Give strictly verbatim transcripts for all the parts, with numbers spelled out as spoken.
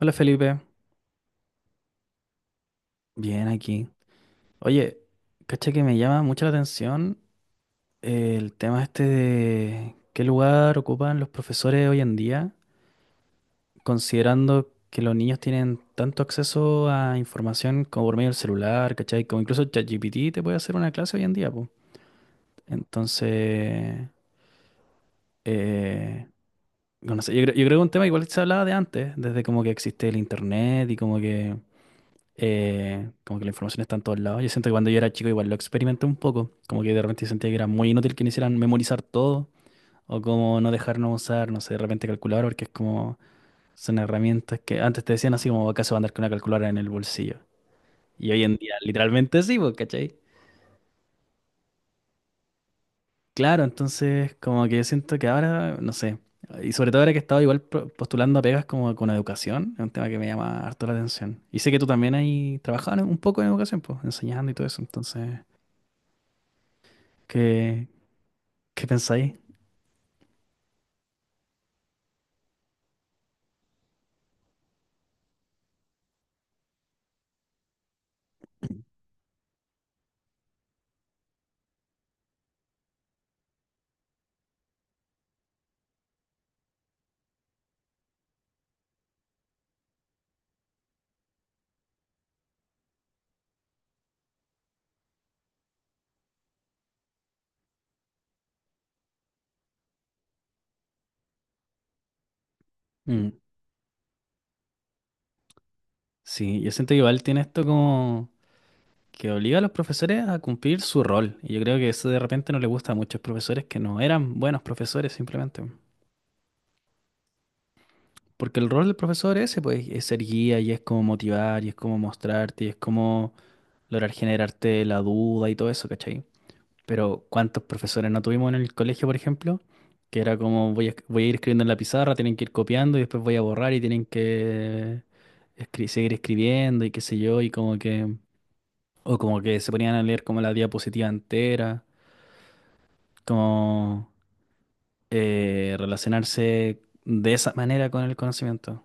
Hola Felipe, bien aquí. Oye, caché que me llama mucho la atención eh, el tema este de qué lugar ocupan los profesores hoy en día, considerando que los niños tienen tanto acceso a información como por medio del celular, ¿cachai? Como incluso ChatGPT te puede hacer una clase hoy en día, pues. Entonces, eh, no sé, yo, creo yo creo que un tema igual que se hablaba de antes, desde como que existe el internet y como que Eh, como que la información está en todos lados. Yo siento que cuando yo era chico igual lo experimenté un poco. Como que de repente sentía que era muy inútil que me hicieran memorizar todo o como no dejarnos usar, no sé, de repente calculador, porque es como son herramientas que antes te decían así como acaso andar con una calculadora en el bolsillo. Y hoy en día literalmente sí, pues, ¿cachai? Claro, entonces como que yo siento que ahora, no sé, y sobre todo ahora que he estado igual pro- postulando a pegas como con educación, es un tema que me llama harto la atención. Y sé que tú también ahí trabajabas un poco en educación, pues, enseñando y todo eso, entonces... ¿Qué, qué pensáis? Mm, sí, yo siento que igual tiene esto como que obliga a los profesores a cumplir su rol. Y yo creo que eso de repente no le gusta a muchos profesores que no eran buenos profesores simplemente. Porque el rol del profesor ese, pues, es ser guía y es como motivar y es como mostrarte y es como lograr generarte la duda y todo eso, ¿cachai? Pero ¿cuántos profesores no tuvimos en el colegio, por ejemplo? Que era como voy a, voy a ir escribiendo en la pizarra, tienen que ir copiando y después voy a borrar y tienen que escri- seguir escribiendo y qué sé yo, y como que... O como que se ponían a leer como la diapositiva entera, como eh, relacionarse de esa manera con el conocimiento.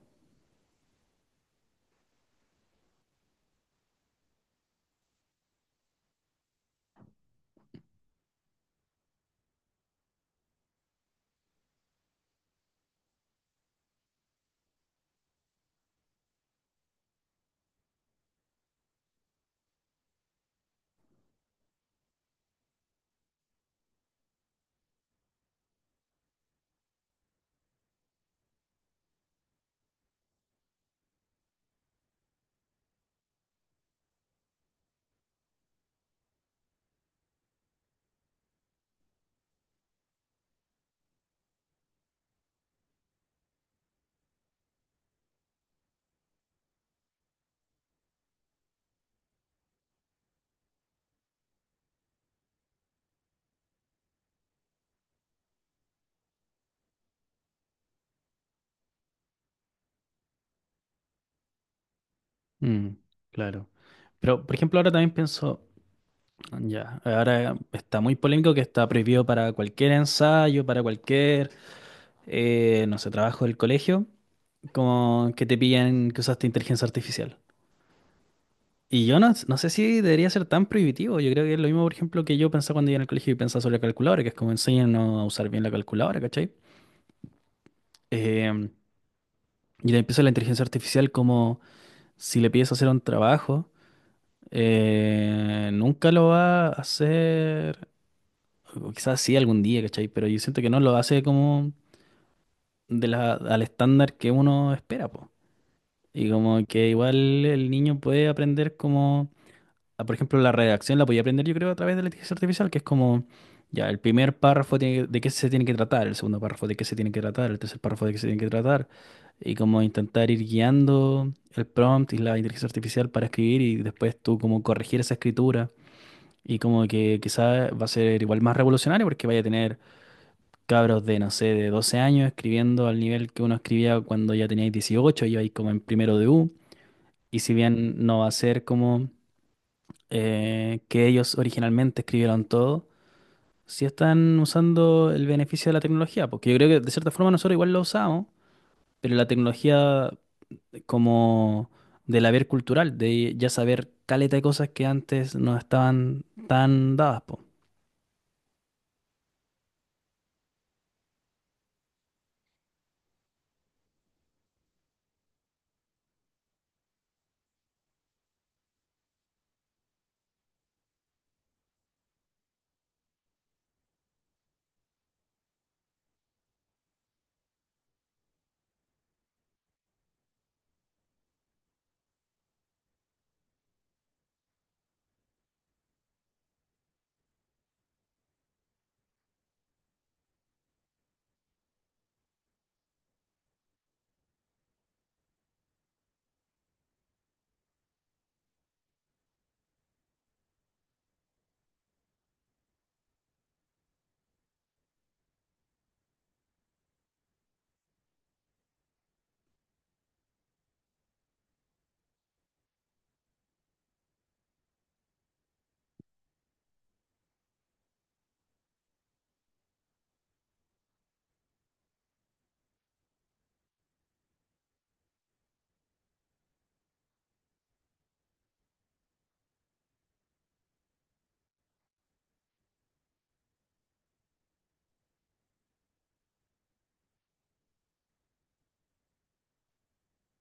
Mm, claro. Pero, por ejemplo, ahora también pienso, ya, ahora está muy polémico que está prohibido para cualquier ensayo, para cualquier eh, no sé, trabajo del colegio, como que te pillan que usaste inteligencia artificial. Y yo no, no sé si debería ser tan prohibitivo. Yo creo que es lo mismo, por ejemplo, que yo pensaba cuando iba al colegio y pensaba sobre la calculadora, que es como enseñan a usar bien la calculadora, ¿cachai? Em, y le empieza la inteligencia artificial como si le pides hacer un trabajo, eh, nunca lo va a hacer, o quizás sí algún día, ¿cachai? Pero yo siento que no lo hace como de la, al estándar que uno espera, po. Y como que igual el niño puede aprender como, ah, por ejemplo, la redacción la podía aprender yo creo a través de la inteligencia artificial, que es como, ya, el primer párrafo tiene que- de qué se tiene que tratar, el segundo párrafo de qué se tiene que tratar, el tercer párrafo de qué se tiene que tratar, y como intentar ir guiando el prompt y la inteligencia artificial para escribir y después tú como corregir esa escritura. Y como que quizás va a ser igual más revolucionario porque vaya a tener cabros de, no sé, de doce años escribiendo al nivel que uno escribía cuando ya teníais dieciocho y ibais como en primero de U. Y si bien no va a ser como eh, que ellos originalmente escribieron todo, sí están usando el beneficio de la tecnología, porque yo creo que de cierta forma nosotros igual lo usamos, pero la tecnología como del haber cultural, de ya saber caleta de cosas que antes no estaban tan dadas, po.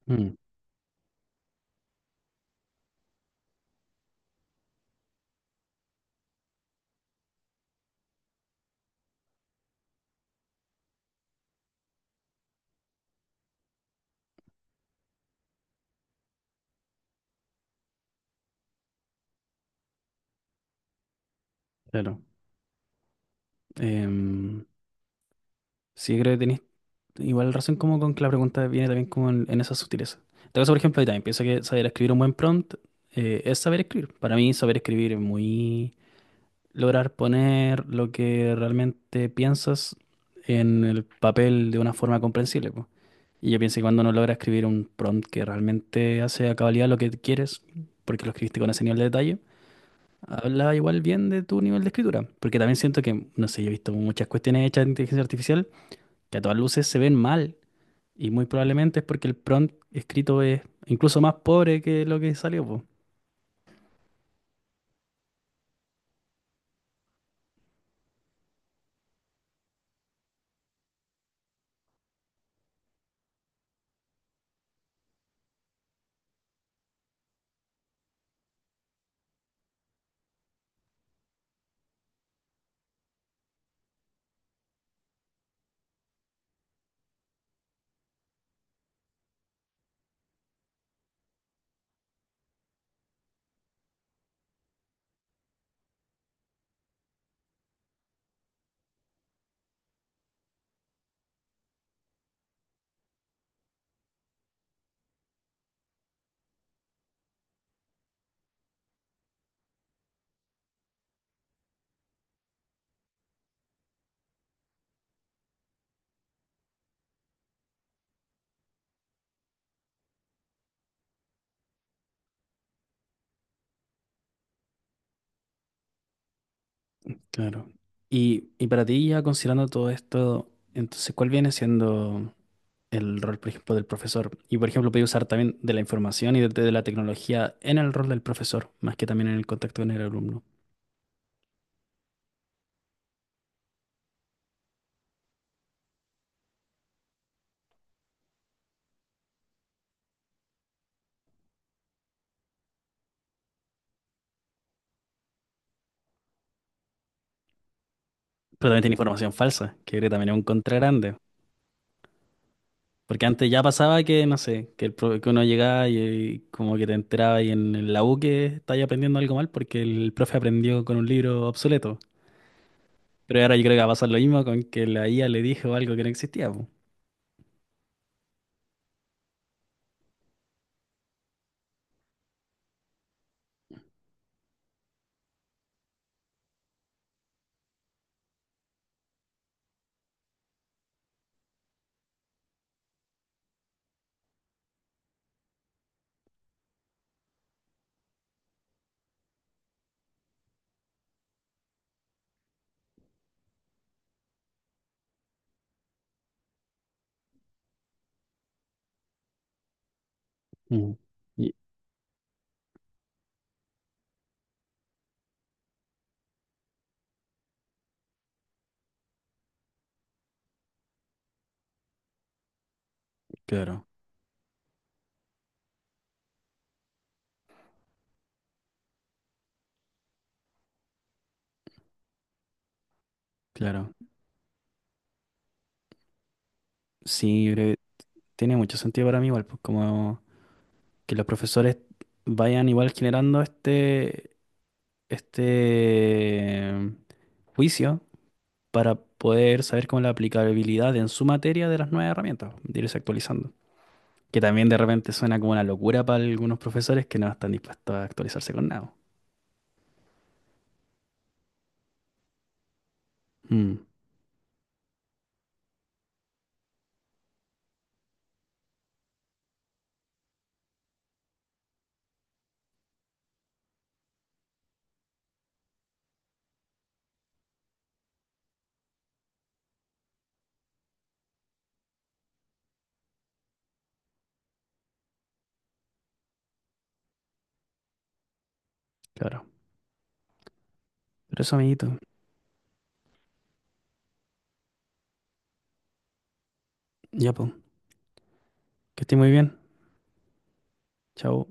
Mm, claro. Em, sí, creo que igual razón como con que la pregunta viene también como en, en esa sutileza. En todo caso, por ejemplo, ahí también pienso que saber escribir un buen prompt eh, es saber escribir. Para mí, saber escribir es muy lograr poner lo que realmente piensas en el papel de una forma comprensible, po. Y yo pienso que cuando uno logra escribir un prompt que realmente hace a cabalidad lo que quieres, porque lo escribiste con ese nivel de detalle, habla igual bien de tu nivel de escritura. Porque también siento que, no sé, yo he visto muchas cuestiones hechas de inteligencia artificial que a todas luces se ven mal y muy probablemente es porque el prompt escrito es incluso más pobre que lo que salió, po. Claro. Y, y para ti, ya considerando todo esto, entonces, ¿cuál viene siendo el rol, por ejemplo, del profesor? Y, por ejemplo, podéis usar también de la información y de, de la tecnología en el rol del profesor, más que también en el contacto con el alumno. Pero también tiene información falsa, que creo que también es un contra grande. Porque antes ya pasaba que, no sé, que, el pro- que uno llegaba y, eh, como que te enteraba y en la U que estáis aprendiendo algo mal porque el profe aprendió con un libro obsoleto. Pero ahora yo creo que va a pasar lo mismo con que la I A le dijo algo que no existía, po. Mm. Y- claro, claro. Sí, yo creo que tiene mucho sentido para mí igual, pues como que los profesores vayan igual generando este, este mm, juicio para poder saber cómo la aplicabilidad en su materia de las nuevas herramientas, de irse actualizando. Que también de repente suena como una locura para algunos profesores que no están dispuestos a actualizarse con nada. Mm, claro. Pero eso, amiguito, ya pues, que esté muy bien. Chao.